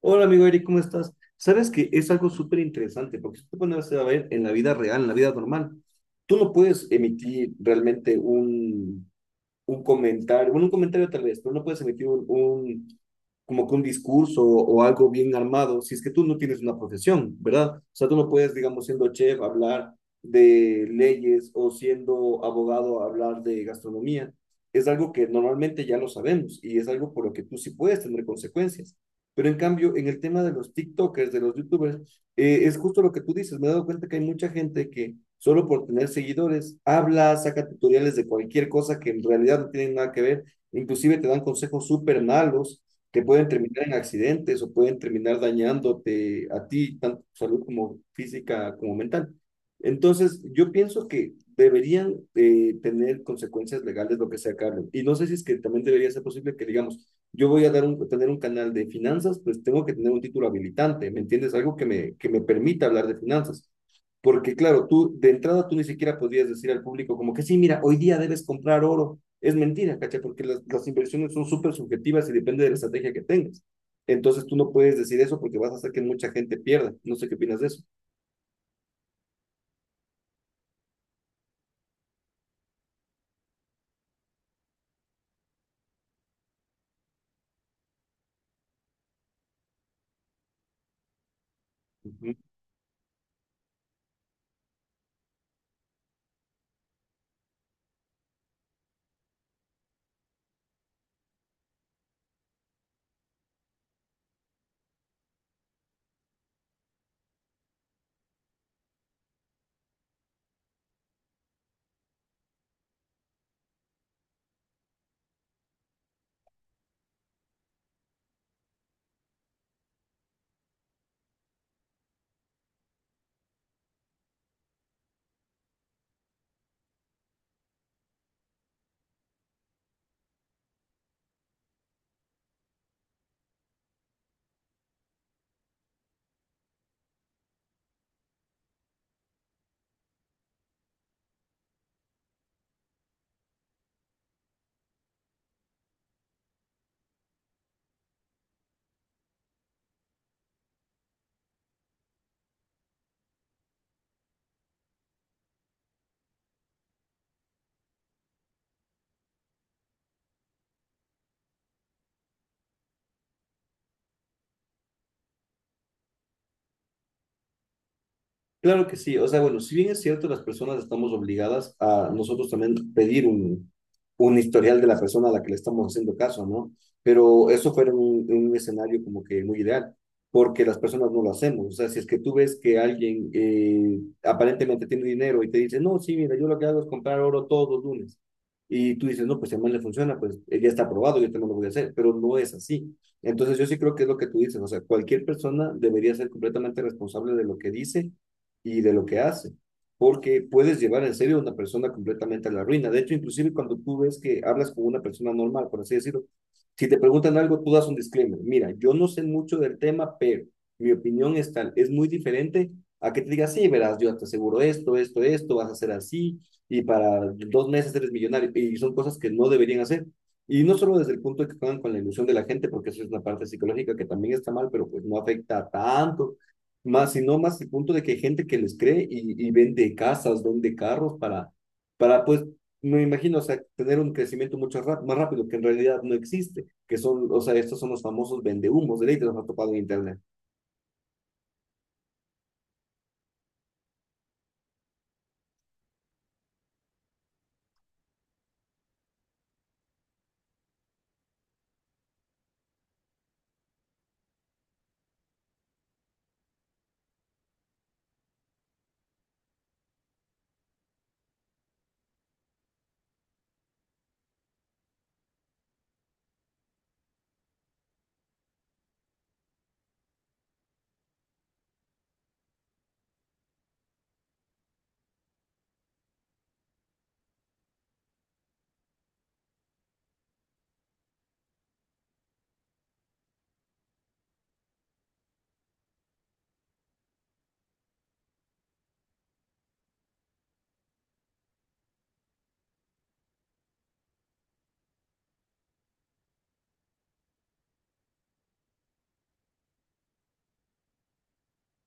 Hola amigo Eric, ¿cómo estás? Sabes que es algo súper interesante, porque si te pones a ver en la vida real, en la vida normal, tú no puedes emitir realmente un comentario, bueno, un comentario tal vez, pero no puedes emitir como que un discurso o algo bien armado si es que tú no tienes una profesión, ¿verdad? O sea, tú no puedes, digamos, siendo chef, hablar de leyes o siendo abogado, hablar de gastronomía. Es algo que normalmente ya lo sabemos y es algo por lo que tú sí puedes tener consecuencias. Pero en cambio, en el tema de los TikTokers, de los YouTubers, es justo lo que tú dices, me he dado cuenta que hay mucha gente que solo por tener seguidores habla, saca tutoriales de cualquier cosa que en realidad no tienen nada que ver, inclusive te dan consejos súper malos que pueden terminar en accidentes o pueden terminar dañándote a ti, tanto tu salud como física como mental. Entonces, yo pienso que deberían tener consecuencias legales lo que sea, Carlos. Y no sé si es que también debería ser posible que, digamos, yo voy a tener un canal de finanzas, pues tengo que tener un título habilitante, ¿me entiendes? Algo que que me permita hablar de finanzas. Porque claro, tú de entrada tú ni siquiera podrías decir al público como que sí, mira, hoy día debes comprar oro. Es mentira, ¿cachai? Porque las inversiones son súper subjetivas y depende de la estrategia que tengas. Entonces tú no puedes decir eso porque vas a hacer que mucha gente pierda. No sé qué opinas de eso. Ujú. Claro que sí, o sea, bueno, si bien es cierto, las personas estamos obligadas a nosotros también pedir un historial de la persona a la que le estamos haciendo caso, ¿no? Pero eso fuera un escenario como que muy ideal, porque las personas no lo hacemos, o sea, si es que tú ves que alguien aparentemente tiene dinero y te dice, no, sí, mira, yo lo que hago es comprar oro todos los lunes, y tú dices, no, pues si a mí le funciona, pues ya está aprobado, yo también lo voy a hacer, pero no es así. Entonces yo sí creo que es lo que tú dices, o sea, cualquier persona debería ser completamente responsable de lo que dice y de lo que hace, porque puedes llevar en serio a una persona completamente a la ruina. De hecho, inclusive cuando tú ves que hablas con una persona normal, por así decirlo, si te preguntan algo, tú das un disclaimer. Mira, yo no sé mucho del tema, pero mi opinión es tal, es muy diferente a que te digas, sí, verás, yo te aseguro esto, esto, esto, vas a hacer así, y para 2 meses eres millonario, y son cosas que no deberían hacer. Y no solo desde el punto de que juegan con la ilusión de la gente, porque eso es una parte psicológica que también está mal, pero pues no afecta tanto más, sino más el punto de que hay gente que les cree y vende casas, vende carros para, pues, me imagino, o sea, tener un crecimiento mucho más rápido que en realidad no existe, que son, o sea, estos son los famosos vendehumos de ley que los ha topado en internet.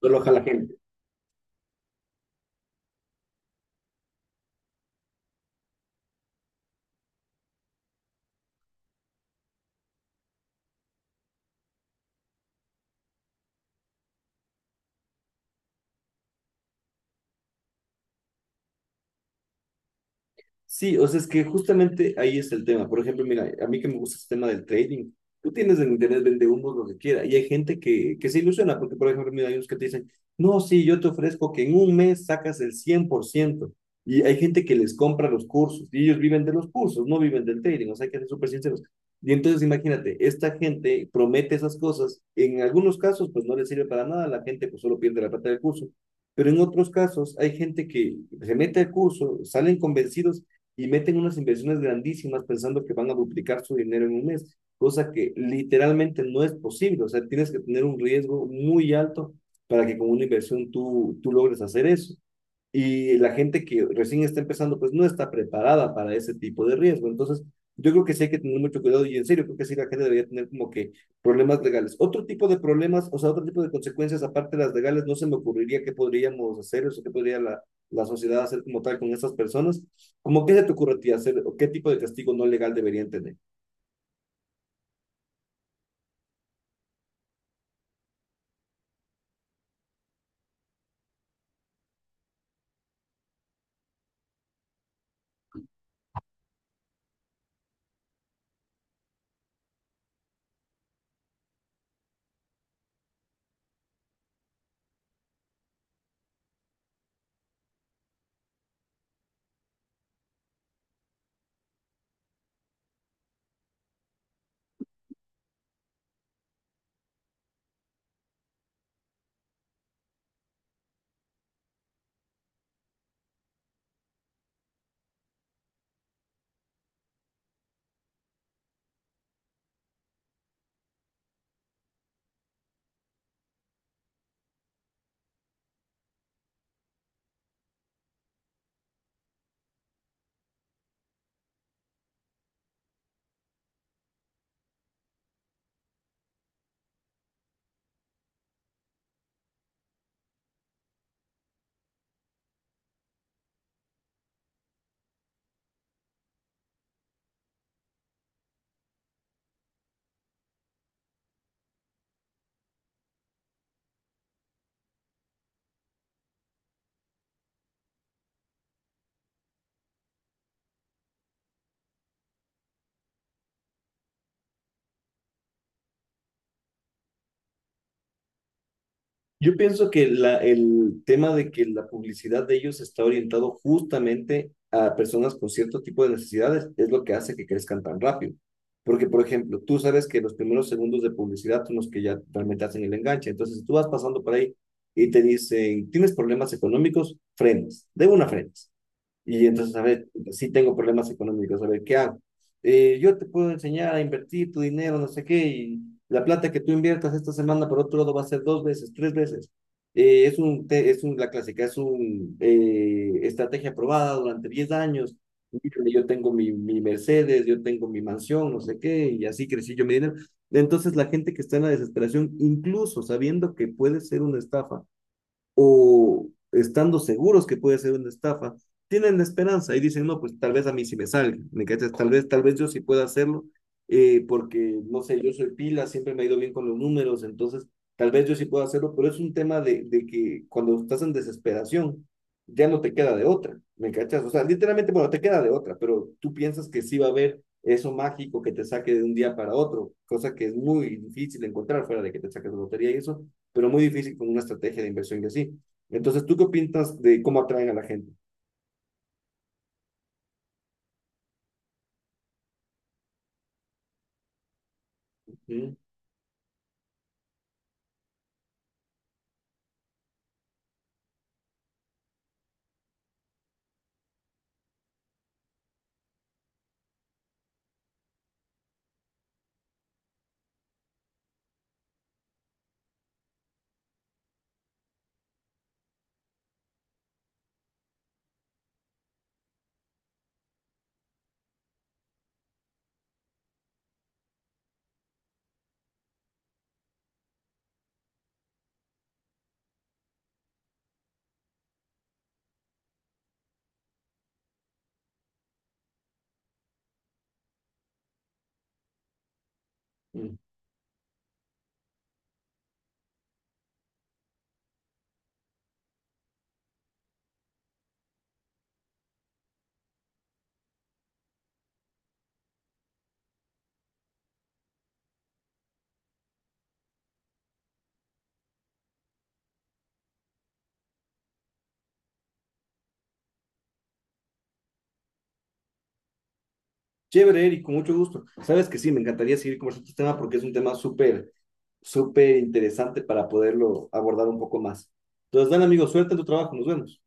Solo ojalá gente. Sí, o sea, es que justamente ahí es el tema. Por ejemplo, mira, a mí que me gusta el tema del trading. Tú tienes en internet, vende humo, lo que quiera. Y hay gente que se ilusiona, porque, por ejemplo, mira, hay unos que te dicen, no, sí, yo te ofrezco que en un mes sacas el 100%. Y hay gente que les compra los cursos. Y ellos viven de los cursos, no viven del trading. O sea, hay que ser súper sinceros. Y entonces, imagínate, esta gente promete esas cosas. En algunos casos, pues no les sirve para nada. La gente, pues solo pierde la plata del curso. Pero en otros casos, hay gente que se mete al curso, salen convencidos y meten unas inversiones grandísimas pensando que van a duplicar su dinero en un mes, cosa que literalmente no es posible. O sea, tienes que tener un riesgo muy alto para que con una inversión tú logres hacer eso y la gente que recién está empezando, pues no está preparada para ese tipo de riesgo. Entonces, yo creo que sí hay que tener mucho cuidado y en serio, creo que sí la gente debería tener como que problemas legales. Otro tipo de problemas, o sea, otro tipo de consecuencias aparte de las legales, no se me ocurriría qué podríamos hacer, o sea, qué podría la sociedad hacer como tal con estas personas. ¿Cómo qué se te ocurre a ti hacer o qué tipo de castigo no legal deberían tener? Yo pienso que el tema de que la publicidad de ellos está orientado justamente a personas con cierto tipo de necesidades es lo que hace que crezcan tan rápido. Porque, por ejemplo, tú sabes que los primeros segundos de publicidad son los que ya realmente hacen el enganche. Entonces, si tú vas pasando por ahí y te dicen, ¿tienes problemas económicos? Frenas, de una frenas. Y entonces, a ver, pues, sí tengo problemas económicos, a ver, ¿qué hago? Yo te puedo enseñar a invertir tu dinero, no sé qué, y la plata que tú inviertas esta semana, por otro lado, va a ser dos veces, tres veces. Es un, la clásica, es un estrategia probada durante 10 años. Mírale, yo tengo mi Mercedes, yo tengo mi mansión, no sé qué, y así crecí yo mi dinero. Entonces, la gente que está en la desesperación, incluso sabiendo que puede ser una estafa, o estando seguros que puede ser una estafa, tienen la esperanza y dicen, no, pues tal vez a mí sí me salga, ¿me cachas? Tal vez yo sí pueda hacerlo, porque, no sé, yo soy pila, siempre me ha ido bien con los números, entonces tal vez yo sí pueda hacerlo, pero es un tema de que cuando estás en desesperación, ya no te queda de otra, ¿me cachas? O sea, literalmente, bueno, te queda de otra, pero tú piensas que sí va a haber eso mágico que te saque de un día para otro, cosa que es muy difícil encontrar fuera de que te saques de lotería y eso, pero muy difícil con una estrategia de inversión y así. Entonces, ¿tú qué opinas de cómo atraen a la gente? Mm, mm. Chévere, Eric, con mucho gusto. Sabes que sí, me encantaría seguir conversando este tema porque es un tema súper, súper interesante para poderlo abordar un poco más. Entonces, dan amigos, suerte en tu trabajo, nos vemos.